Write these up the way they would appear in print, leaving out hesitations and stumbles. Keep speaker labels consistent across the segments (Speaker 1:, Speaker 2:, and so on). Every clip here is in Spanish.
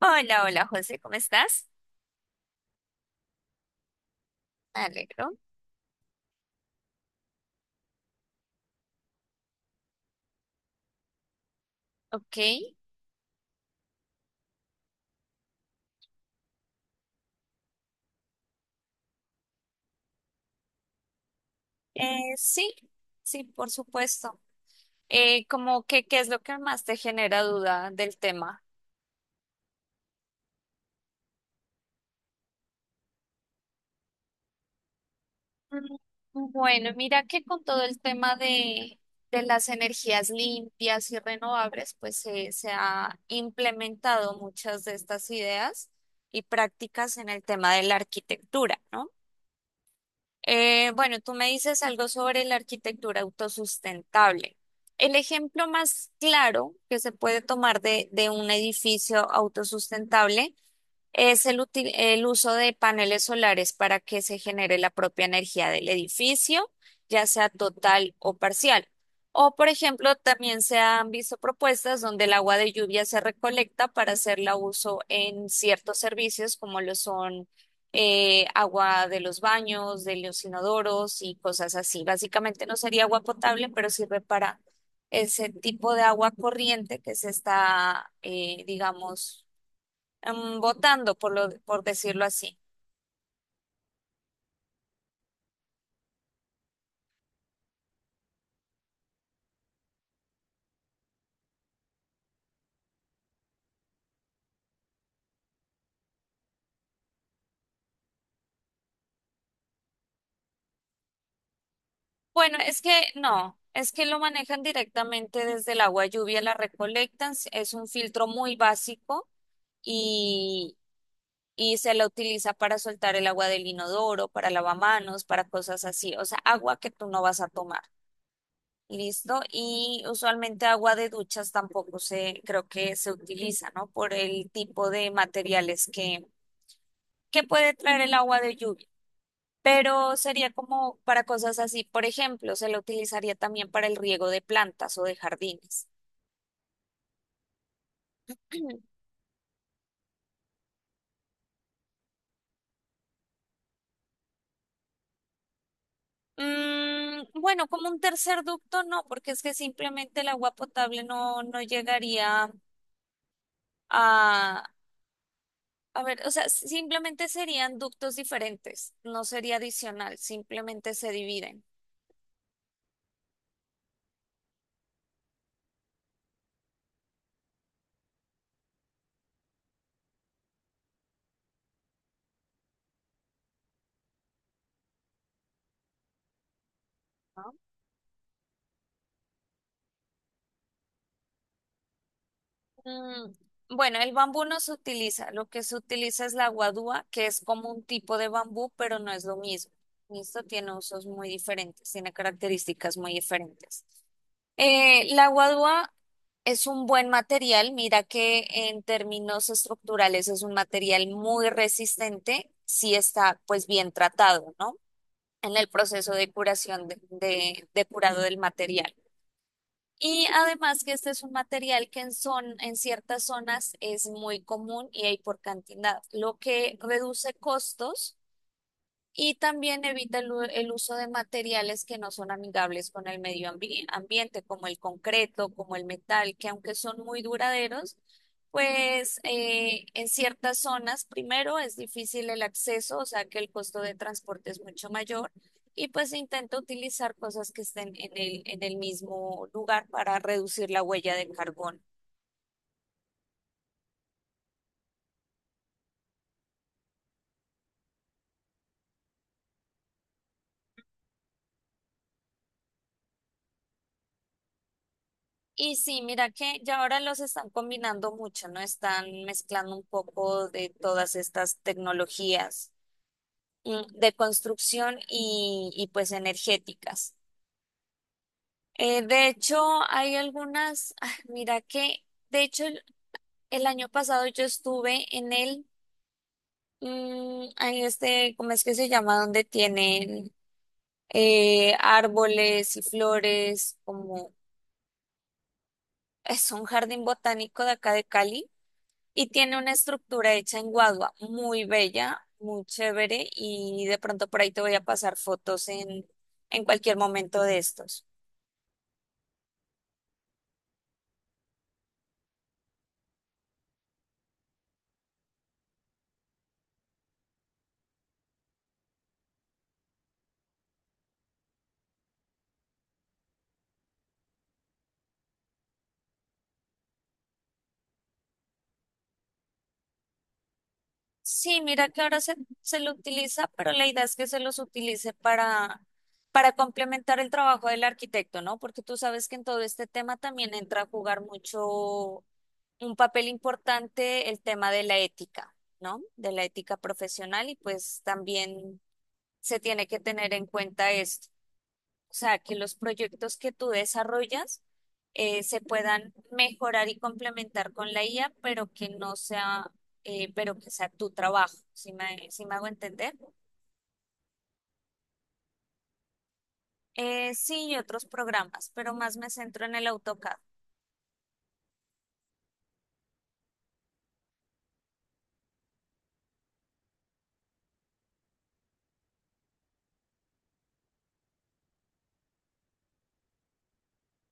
Speaker 1: Hola, hola José, ¿cómo estás? Me alegro. Ok. Sí, sí, por supuesto. Como que, ¿qué es lo que más te genera duda del tema? Mm, Bueno, mira que con todo el tema de las energías limpias y renovables, pues se ha implementado muchas de estas ideas y prácticas en el tema de la arquitectura, ¿no? Bueno, tú me dices algo sobre la arquitectura autosustentable. El ejemplo más claro que se puede tomar de un edificio autosustentable es el, el uso de paneles solares para que se genere la propia energía del edificio, ya sea total o parcial. O, por ejemplo, también se han visto propuestas donde el agua de lluvia se recolecta para hacerla uso en ciertos servicios, como lo son agua de los baños, de los inodoros y cosas así. Básicamente no sería agua potable, pero sirve para ese tipo de agua corriente que se está, digamos, votando, por lo, por decirlo así. Bueno, es que no, es que lo manejan directamente desde el agua lluvia, la recolectan, es un filtro muy básico y, y se la utiliza para soltar el agua del inodoro, para lavamanos, para cosas así, o sea, agua que tú no vas a tomar. ¿Listo? Y usualmente agua de duchas tampoco se, creo que se utiliza, ¿no? Por el tipo de materiales que puede traer el agua de lluvia. Pero sería como para cosas así. Por ejemplo, se lo utilizaría también para el riego de plantas o de jardines. Bueno, como un tercer ducto no, porque es que simplemente el agua potable no, no llegaría a... A ver, o sea, si, simplemente serían ductos diferentes, no sería adicional, simplemente se dividen. ¿No? Mm, Bueno, el bambú no se utiliza, lo que se utiliza es la guadúa, que es como un tipo de bambú, pero no es lo mismo. Esto tiene usos muy diferentes, tiene características muy diferentes. La guadúa es un buen material, mira que en términos estructurales es un material muy resistente si está pues bien tratado, ¿no? En el proceso de curación, de, de curado del material. Y además que este es un material que en, en ciertas zonas es muy común y hay por cantidad, lo que reduce costos y también evita el, el uso de materiales que no son amigables con el medio ambiente, como el concreto, como el metal, que aunque son muy duraderos, pues en ciertas zonas, primero, es difícil el acceso, o sea que el costo de transporte es mucho mayor. Y pues intenta utilizar cosas que estén en el mismo lugar para reducir la huella del carbón. Y sí, mira que ya ahora los están combinando mucho, ¿no? Están mezclando un poco de todas estas tecnologías de construcción y pues energéticas. De hecho, hay algunas, ah, mira que, de hecho, el año pasado yo estuve en el, ahí este, ¿cómo es que se llama? Donde tienen árboles y flores, como es un jardín botánico de acá de Cali. Y tiene una estructura hecha en Guadua, muy bella, muy chévere, y de pronto por ahí te voy a pasar fotos en cualquier momento de estos. Sí, mira que ahora se, se lo utiliza, pero la idea es que se los utilice para complementar el trabajo del arquitecto, ¿no? Porque tú sabes que en todo este tema también entra a jugar mucho un papel importante el tema de la ética, ¿no? De la ética profesional y pues también se tiene que tener en cuenta esto. O sea, que los proyectos que tú desarrollas se puedan mejorar y complementar con la IA, pero que no sea, pero que sea tu trabajo, si me, si me hago entender. Sí, y otros programas, pero más me centro en el AutoCAD.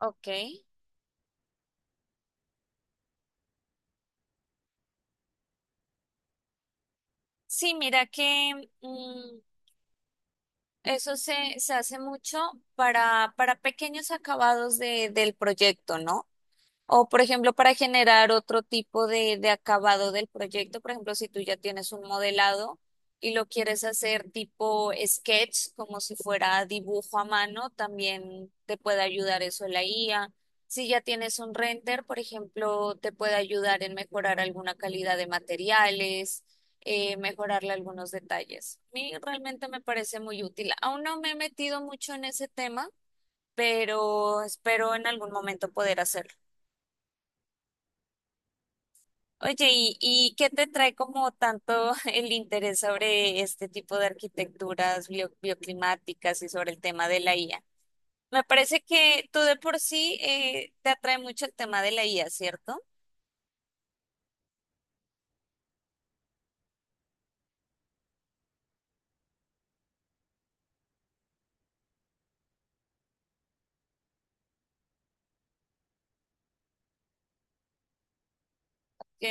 Speaker 1: Ok. Sí, mira que mm, eso se, se hace mucho para pequeños acabados de, del proyecto, ¿no? O, por ejemplo, para generar otro tipo de acabado del proyecto, por ejemplo, si tú ya tienes un modelado y lo quieres hacer tipo sketch, como si fuera dibujo a mano, también te puede ayudar eso la IA. Si ya tienes un render, por ejemplo, te puede ayudar en mejorar alguna calidad de materiales, mejorarle algunos detalles. A mí realmente me parece muy útil. Aún no me he metido mucho en ese tema, pero espero en algún momento poder hacerlo. Oye, y qué te trae como tanto el interés sobre este tipo de arquitecturas bioclimáticas y sobre el tema de la IA? Me parece que tú de por sí te atrae mucho el tema de la IA, ¿cierto? Ok.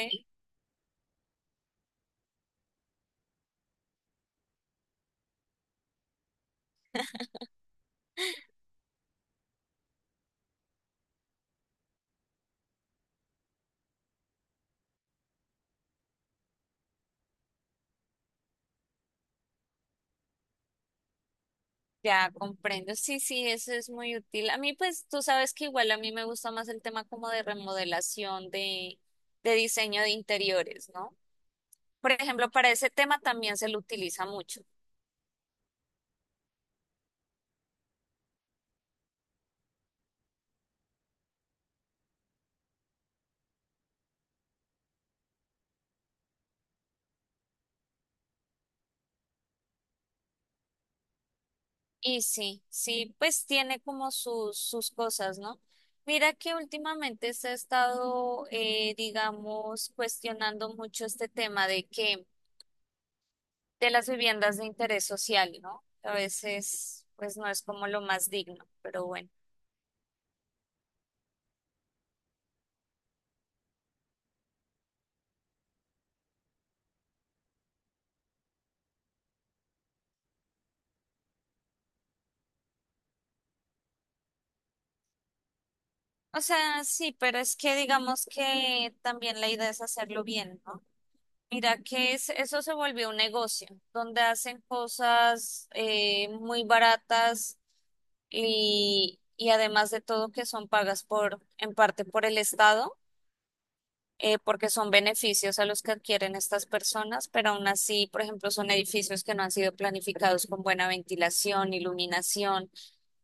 Speaker 1: Ya comprendo, sí, sí, eso es muy útil. A mí, pues, tú sabes que igual a mí me gusta más el tema como de remodelación, de diseño de interiores, ¿no? Por ejemplo, para ese tema también se lo utiliza mucho. Y sí, sí, pues tiene como sus, sus cosas, ¿no? Mira que últimamente se ha estado, digamos, cuestionando mucho este tema de que, de las viviendas de interés social, ¿no? A veces, pues, no es como lo más digno, pero bueno. O sea, sí, pero es que digamos que también la idea es hacerlo bien, ¿no? Mira que eso se volvió un negocio, donde hacen cosas muy baratas y además de todo que son pagas por, en parte por el Estado, porque son beneficios a los que adquieren estas personas, pero aún así, por ejemplo, son edificios que no han sido planificados con buena ventilación, iluminación,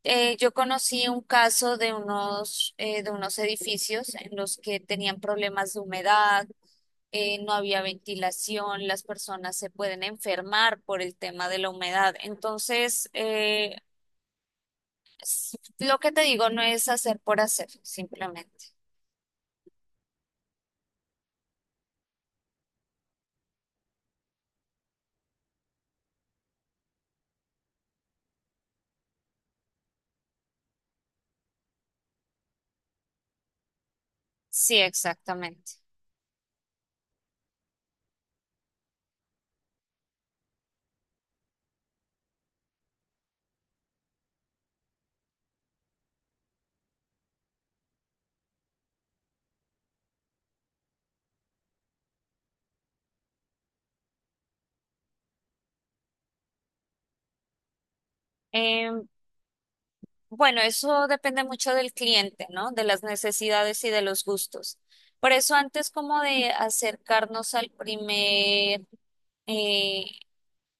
Speaker 1: yo conocí un caso de unos edificios en los que tenían problemas de humedad, no había ventilación, las personas se pueden enfermar por el tema de la humedad. Entonces, lo que te digo no es hacer por hacer, simplemente. Sí, exactamente. Eh, bueno, eso depende mucho del cliente, ¿no? De las necesidades y de los gustos. Por eso antes como de acercarnos al primer... eh,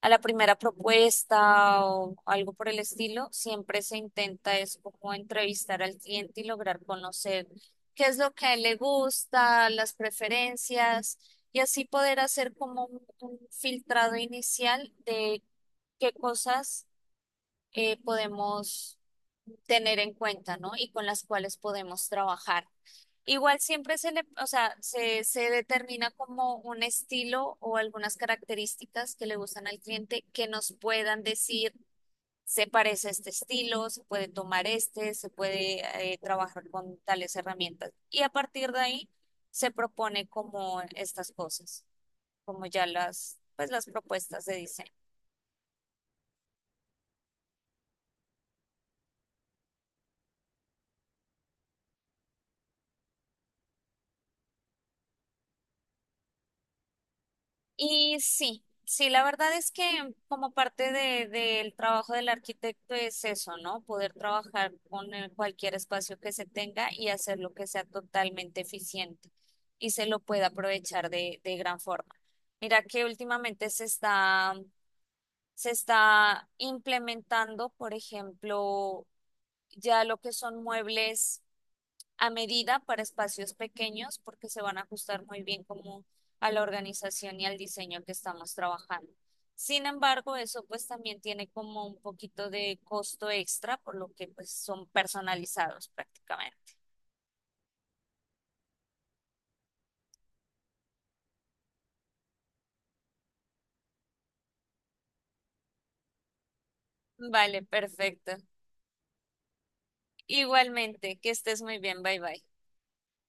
Speaker 1: a la primera propuesta o algo por el estilo, siempre se intenta es como entrevistar al cliente y lograr conocer qué es lo que a él le gusta, las preferencias y así poder hacer como un filtrado inicial de qué cosas podemos tener en cuenta, ¿no? Y con las cuales podemos trabajar. Igual siempre se le, o sea, se determina como un estilo o algunas características que le gustan al cliente que nos puedan decir, se parece a este estilo, se puede tomar este, se puede trabajar con tales herramientas. Y a partir de ahí se propone como estas cosas, como ya las, pues las propuestas de diseño. Y sí, sí, la verdad es que como parte de, del trabajo del arquitecto es eso, ¿no? Poder trabajar con cualquier espacio que se tenga y hacerlo que sea totalmente eficiente y se lo pueda aprovechar de gran forma. Mira que últimamente se está implementando, por ejemplo, ya lo que son muebles a medida para espacios pequeños porque se van a ajustar muy bien como a la organización y al diseño que estamos trabajando. Sin embargo, eso pues también tiene como un poquito de costo extra, por lo que pues son personalizados prácticamente. Vale, perfecto. Igualmente, que estés muy bien, bye bye.